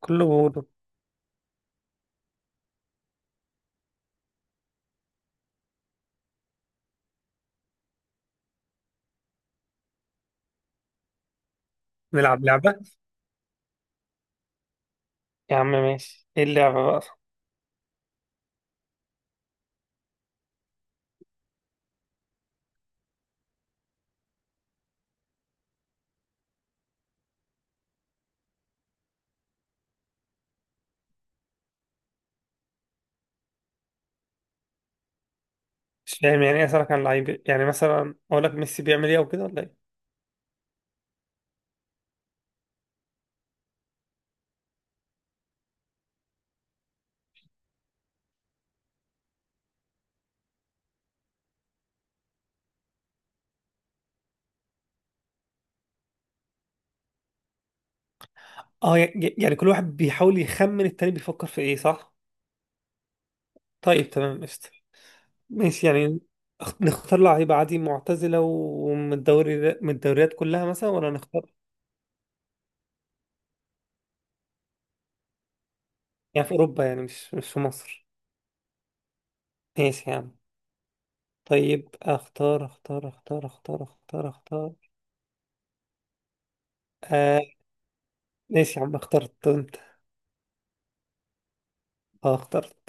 كله بوضع. نلعب لعبة. يا عم ماشي، ايه اللعبة بقى؟ مش فاهم يعني ايه اسألك عن لعيب؟ يعني مثلا اقول لك ميسي بيعمل ايه او كده ولا ايه؟ اه يعني كل واحد بيحاول يخمن التاني بيفكر في ايه، صح؟ طيب تمام قشطة. ماشي يعني. نختار لعيبة عادي معتزلة ومن الدوري، من الدوريات كلها مثلا، ولا نختار يعني في اوروبا يعني مش في مصر؟ ماشي يا عم. طيب، اختار اختار اختار اختار اختار اختار. آه. ماشي يا عم، اخترت انت؟ اه اخترت.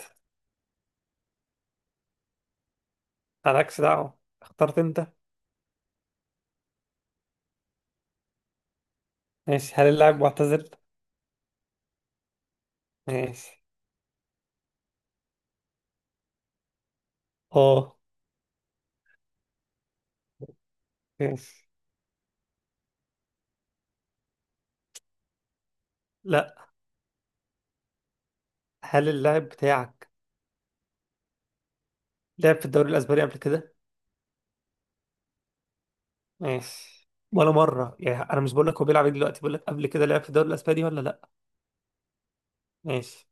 مالكش دعوة، اخترت انت. ماشي، هل اللاعب معتزل؟ ماشي. اه. ماشي. لا. هل اللاعب بتاعك لعب في الدوري الأسباني قبل كده؟ ماشي، ولا مرة يعني، انا مش بقول لك هو بيلعب إيه دلوقتي، بقول لك قبل كده لعب في الدوري الاسباني ولا لا؟ ماشي.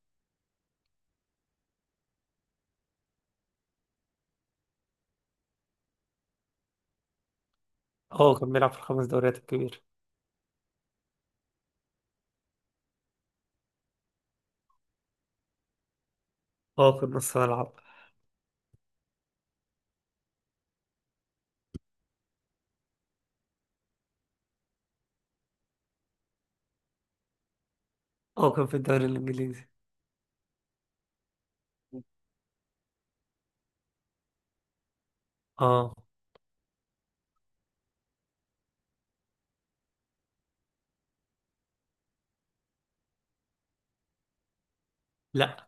اه كان بيلعب في الخمس دوريات الكبيرة. اه كان نص ملعب. اه كان في الدوري الإنجليزي. اه. لا.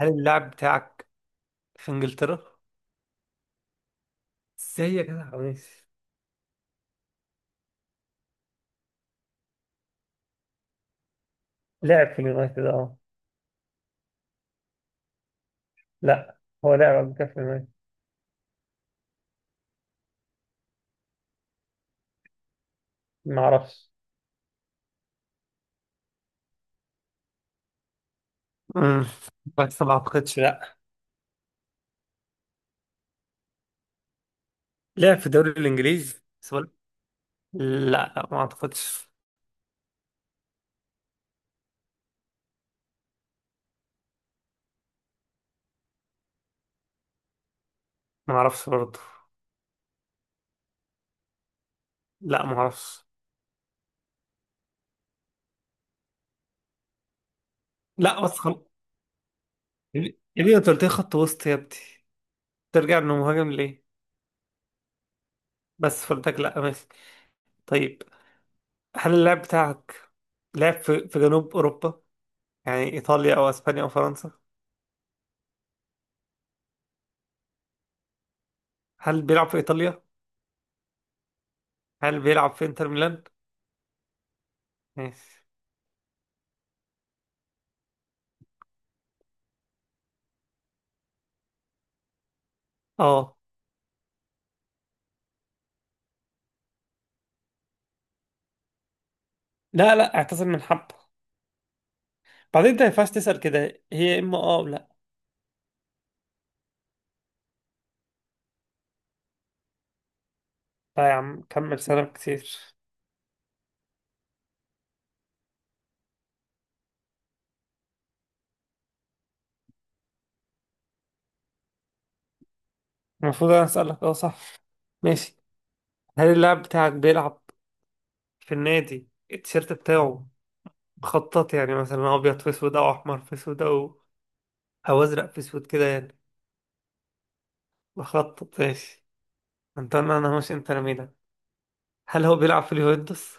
هل اللاعب بتاعك في إنجلترا؟ ازاي يا جدع، ماشي. لعب في اليونايتد اه. لا، هو لعب قبل كده في اليونايتد. ما اعرفش. امم، بس ما اعتقدش، لا. لعب في الدوري الانجليزي سؤال. لا لا، ما اعتقدش. ما اعرفش برضه. لا، ما اعرفش. لا بس خلاص. يا ابني يا ابني انت قلت لي خط وسط يا ابني، ترجع انه مهاجم ليه؟ بس فردك، لا ماشي. طيب، هل اللاعب بتاعك لعب في في جنوب اوروبا، يعني ايطاليا او اسبانيا او فرنسا؟ هل بيلعب في ايطاليا؟ هل بيلعب في انتر ميلان؟ ماشي. اه. لا لا، اعتذر من حبه، بعدين انت ما ينفعش تسأل كده، هي اما اه ولا. لا يا عم، كمل سنة كتير. المفروض انا اسالك، اه صح. ماشي. هل اللاعب بتاعك بيلعب في النادي التيشيرت بتاعه مخطط، يعني مثلا ابيض في اسود او احمر في اسود او او ازرق في اسود كده يعني؟ مخطط، ماشي. انت انا، انا مش انت ميلان. هل هو بيلعب في اليوفنتوس؟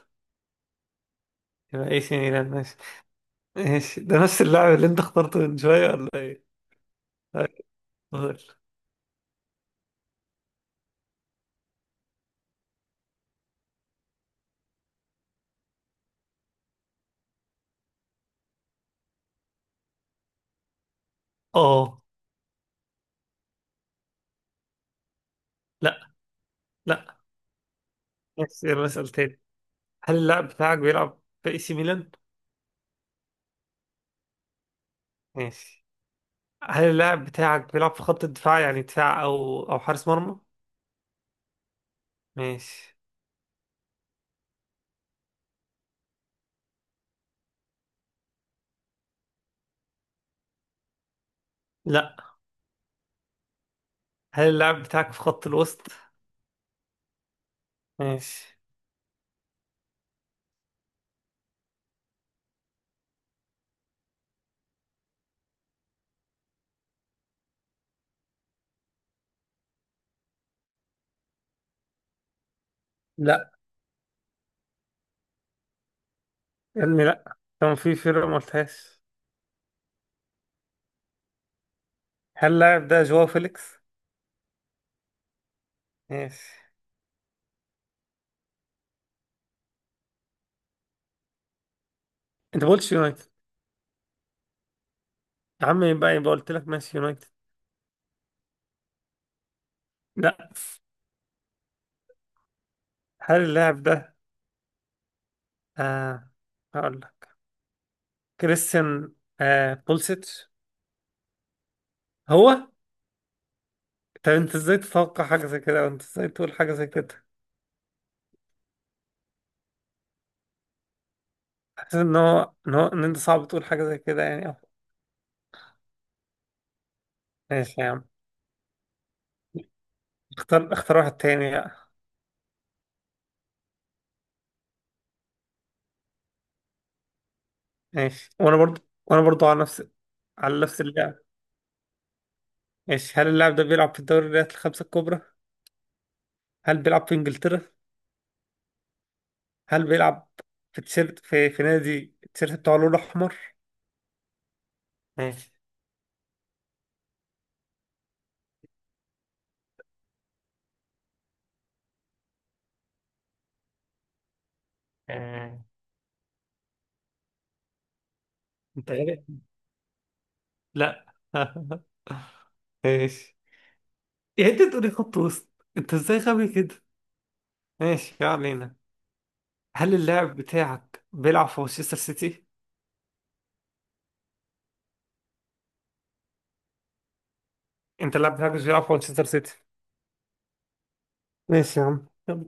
يبقى ايه سي ميلان، ماشي. ماشي، ده نفس اللاعب اللي انت اخترته من شويه ولا ايه؟ طيب، دول. اه. لا. لا. ماشي، يلا اسال تاني. هل اللاعب بتاعك بيلعب في اي سي ميلان؟ ماشي. هل اللاعب بتاعك بيلعب في خط الدفاع، يعني دفاع او او حارس مرمى؟ ماشي. لا. هل اللاعب بتاعك في خط الوسط؟ ماشي. لا يا علمي، لا، كان في فرقة ما قلتهاش. هل اللاعب ده جواو فيليكس؟ ماشي. انت ما قلتش يونايتد. يا عم، يبقى يبقى قلت لك ماشي يونايتد. لا. هل اللاعب ده آه، هقول لك، كريستيان آه بولسيتش؟ هو. طب انت ازاي تتوقع حاجة زي كده، وانت ازاي تقول حاجة زي كده؟ حاسس ان هو ان هو ان انت صعب تقول حاجة زي كده يعني. ماشي يا عم. اختار اختار واحد تاني بقى. ماشي، وانا برضو. وانا برضو على نفس. على نفس اللعب. ماشي. هل اللاعب ده بيلعب في الدوريات الخمسة الكبرى؟ هل بيلعب في انجلترا؟ هل بيلعب في تيشيرت، في في نادي التيشيرت بتاعه لونه احمر؟ ماشي. آه. انت غبي، لا. ماشي. يعني انت تقولي خط وسط، انت ازاي غبي كده؟ ماشي ما علينا. هل اللاعب بتاعك بيلعب في مانشستر سيتي؟ انت اللاعب بتاعك مش بيلعب في مانشستر سيتي؟ ماشي يا عم يلا.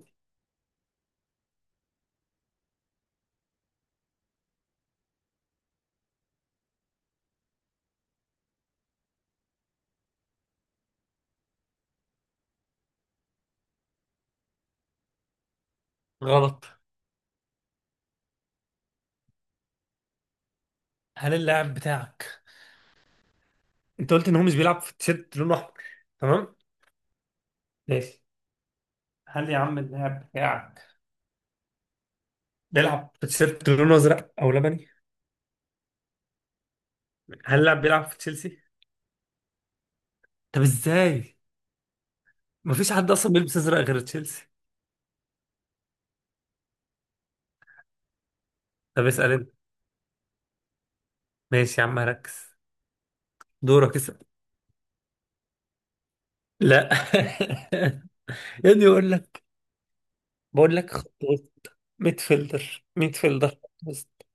غلط. هل اللاعب بتاعك، انت قلت ان هو مش بيلعب في تيشيرت لونه احمر، تمام؟ ماشي. هل يا عم اللاعب بتاعك بيلعب في تيشيرت لونه ازرق او لبني؟ هل اللاعب بيلعب في تشيلسي؟ طب ازاي، مفيش حد اصلا بيلبس ازرق غير تشيلسي. طب اسال انت. ماشي يا عم، ركز، دورك اسال. لا. يا ابني بقول لك، بقول لك خط وسط، ميد فيلدر، ميد فيلدر، خط وسط.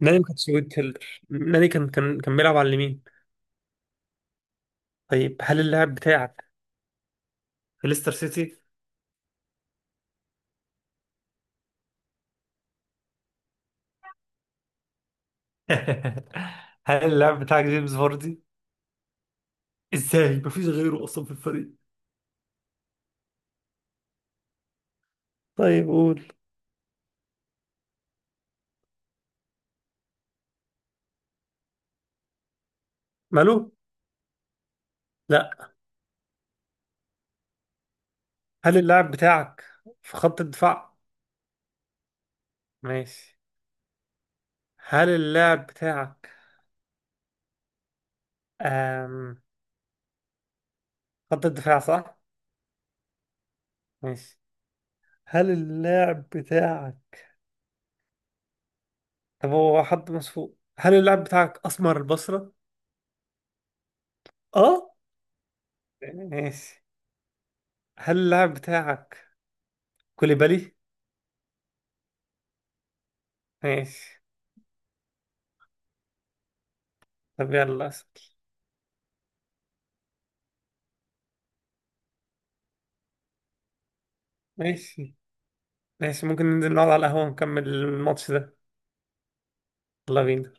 ناني ما كانش ميد فيلدر، ناني كان كان بيلعب على اليمين. طيب، هل اللاعب بتاعك في ليستر سيتي؟ هل اللاعب بتاعك جيمس فاردي؟ ازاي؟ مفيش غيره اصلا في الفريق. طيب قول. ماله؟ لا. هل اللاعب بتاعك في خط الدفاع؟ ماشي. هل اللاعب بتاعك أم... خط الدفاع صح؟ ماشي. هل اللاعب بتاعك، طب هو حد مسفوق، هل اللاعب بتاعك أسمر البصرة؟ اه. ماشي. هل اللاعب بتاعك كوليبالي؟ ماشي. طب يلا اسأل. ماشي. ماشي، ممكن ننزل نقعد على القهوة ونكمل الماتش ده؟ يلا بينا.